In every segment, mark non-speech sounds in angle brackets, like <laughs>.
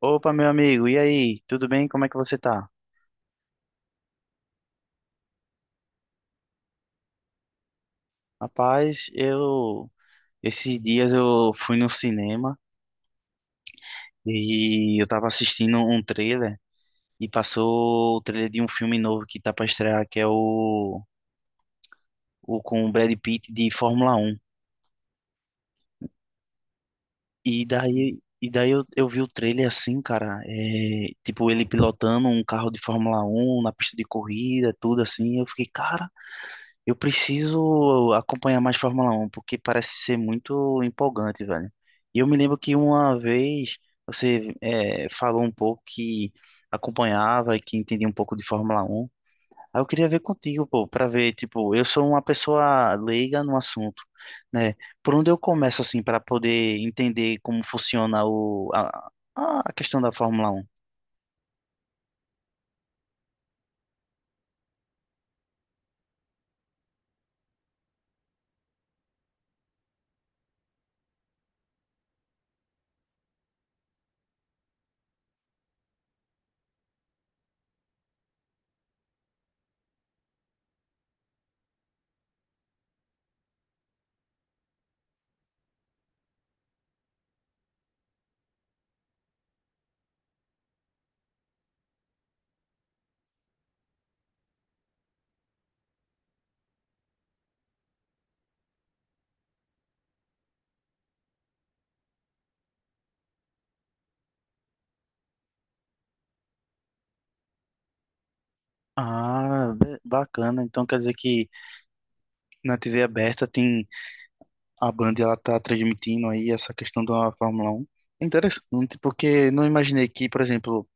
Opa, meu amigo, e aí? Tudo bem? Como é que você tá? Rapaz, eu esses dias eu fui no cinema e eu tava assistindo um trailer e passou o trailer de um filme novo que tá pra estrear, que é o com o Brad Pitt de Fórmula Um. E daí eu vi o trailer assim, cara, tipo ele pilotando um carro de Fórmula Um na pista de corrida, tudo assim, eu fiquei, cara, eu preciso acompanhar mais Fórmula Um, porque parece ser muito empolgante, velho. E eu me lembro que uma vez você falou um pouco que acompanhava e que entendia um pouco de Fórmula Um. Aí eu queria ver contigo, pô, pra ver, tipo, eu sou uma pessoa leiga no assunto, né? Por onde eu começo, assim, para poder entender como funciona a questão da Fórmula Um? Ah, bacana. Então quer dizer que na TV aberta tem a Band, ela tá transmitindo aí essa questão da Fórmula um. É interessante, porque não imaginei que, por exemplo,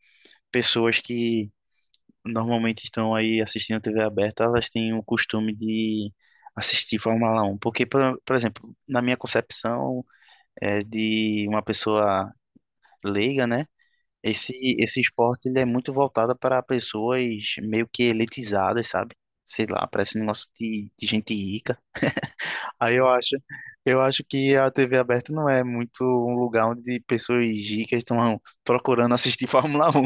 pessoas que normalmente estão aí assistindo a TV aberta, elas têm o costume de assistir Fórmula um. Porque, por exemplo, na minha concepção, de uma pessoa leiga, né? Esse, esse esporte ele é muito voltado para pessoas meio que elitizadas, sabe? Sei lá, parece um negócio de gente rica. Aí eu acho, eu acho que a TV aberta não é muito um lugar onde pessoas ricas estão procurando assistir <laughs> Fórmula Um.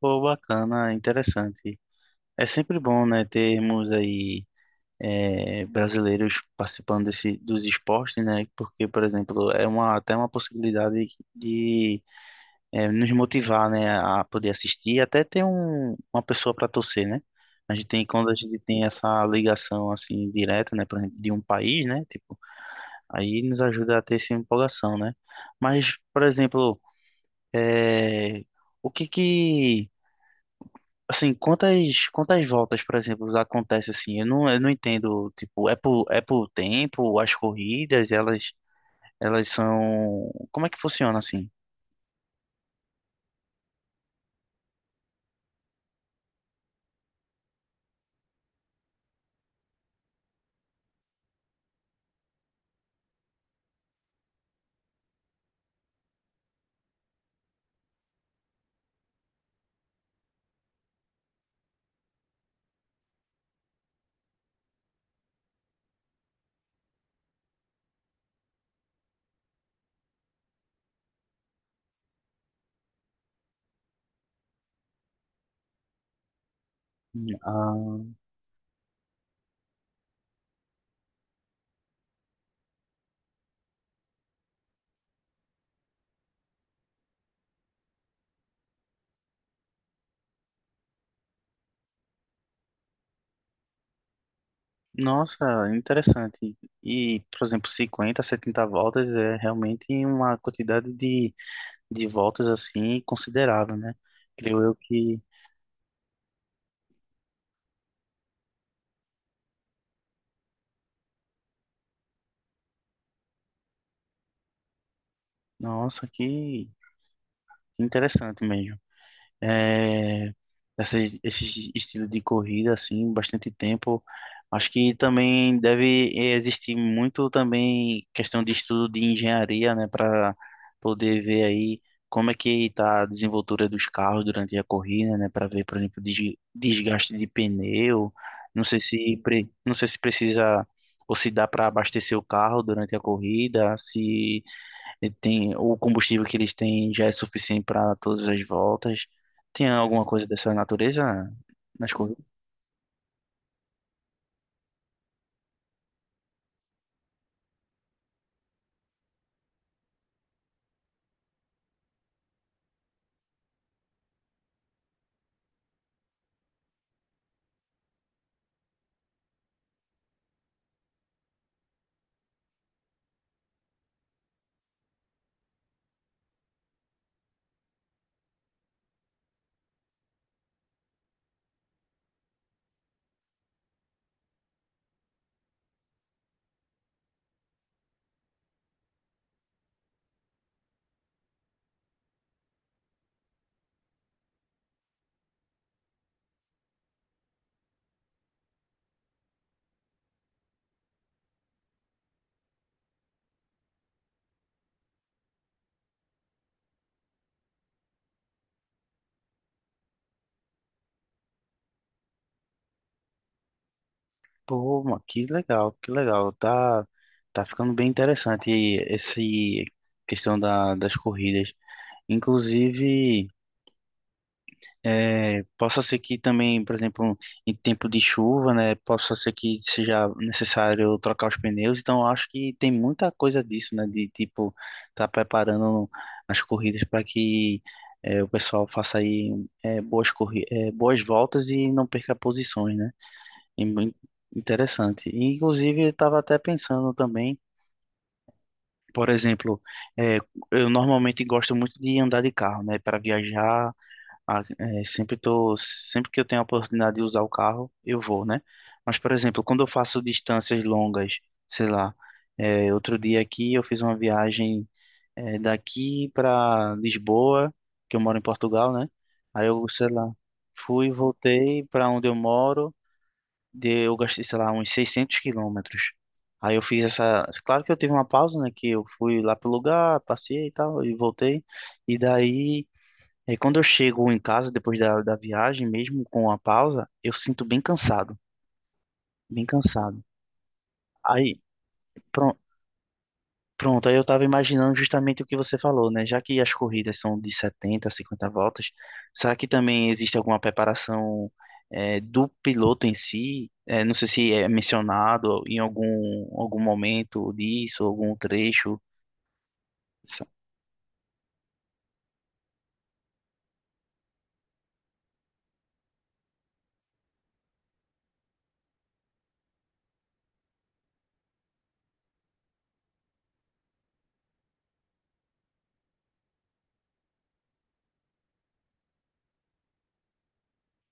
Pô, bacana, interessante. É sempre bom, né, termos aí brasileiros participando desse, dos esportes, né? Porque, por exemplo, é uma, até uma possibilidade de nos motivar, né, a poder assistir, e até ter um, uma pessoa para torcer, né? A gente tem, quando a gente tem essa ligação, assim, direta, né, por exemplo, de um país, né, tipo. Aí nos ajuda a ter essa empolgação, né? Mas, por exemplo, é, o que que, assim, quantas voltas, por exemplo, acontece assim? Eu não entendo, tipo, é por tempo, as corridas, elas são, como é que funciona assim? Ah, nossa, interessante. E, por exemplo, 50, 70 voltas é realmente uma quantidade de voltas assim considerável, né? Creio eu que, nossa, que interessante mesmo. É, essa, esse estilo de corrida, assim, bastante tempo. Acho que também deve existir muito também questão de estudo de engenharia, né, para poder ver aí como é que está a desenvoltura dos carros durante a corrida, né, para ver, por exemplo, desgaste de pneu. Não sei se, não sei se precisa ou se dá para abastecer o carro durante a corrida, se e tem, o combustível que eles têm já é suficiente para todas as voltas. Tem alguma coisa dessa natureza nas corridas? Pô, mano, que legal, que legal. Tá, tá ficando bem interessante esse questão da, das corridas. Inclusive, possa ser que também, por exemplo, em tempo de chuva, né, possa ser que seja necessário trocar os pneus. Então, eu acho que tem muita coisa disso, né, de tipo, tá preparando as corridas para que o pessoal faça aí é, boas corri boas voltas e não perca posições, né? E muito interessante. E, inclusive, eu estava até pensando também, por exemplo, é, eu normalmente gosto muito de andar de carro, né, para viajar. Sempre tô, sempre que eu tenho a oportunidade de usar o carro, eu vou, né? Mas, por exemplo, quando eu faço distâncias longas, sei lá, outro dia aqui eu fiz uma viagem, daqui para Lisboa, que eu moro em Portugal, né? Aí eu, sei lá, fui e voltei para onde eu moro, de, eu gastei, sei lá, uns 600 quilômetros. Aí eu fiz essa. Claro que eu tive uma pausa, né? Que eu fui lá pro lugar, passei e tal, e voltei. E daí. É, quando eu chego em casa, depois da, da viagem, mesmo com a pausa, eu sinto bem cansado, bem cansado. Aí, pronto, pronto, aí eu estava imaginando justamente o que você falou, né? Já que as corridas são de setenta, 50 voltas, será que também existe alguma preparação, do piloto em si? É, não sei se é mencionado em algum, algum momento disso, algum trecho.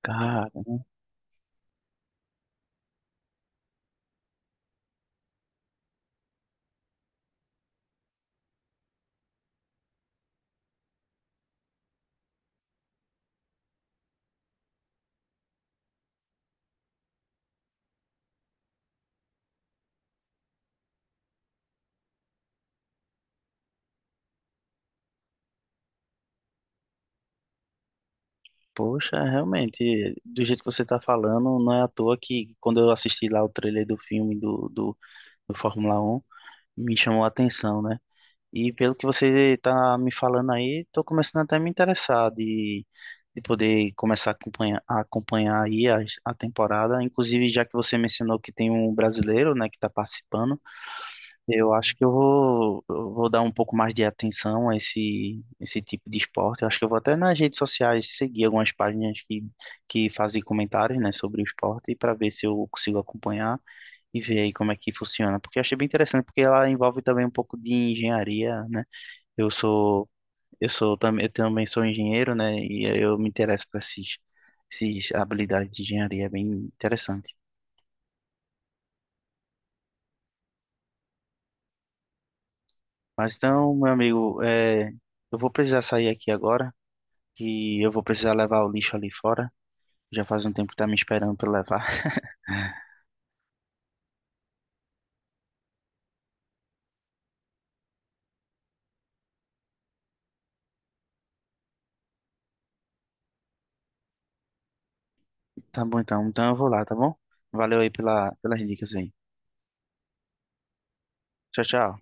Cara, poxa, realmente, do jeito que você está falando, não é à toa que quando eu assisti lá o trailer do filme do Fórmula Um, me chamou a atenção, né? E pelo que você está me falando aí, estou começando até a me interessar de poder começar a acompanhar aí a temporada. Inclusive, já que você mencionou que tem um brasileiro, né, que está participando, eu acho que eu vou dar um pouco mais de atenção a esse, esse tipo de esporte. Eu acho que eu vou até nas redes sociais seguir algumas páginas que fazem comentários, né, sobre o esporte para ver se eu consigo acompanhar e ver aí como é que funciona. Porque eu achei bem interessante, porque ela envolve também um pouco de engenharia, né? Eu sou, eu sou também, eu também sou engenheiro, né? E eu me interesso por esses, esses habilidades de engenharia, é bem interessante. Mas então, meu amigo, eu vou precisar sair aqui agora. Que eu vou precisar levar o lixo ali fora. Já faz um tempo que tá me esperando pra eu levar. <laughs> Tá bom então, então eu vou lá, tá bom? Valeu aí pela, pelas dicas aí. Tchau, tchau.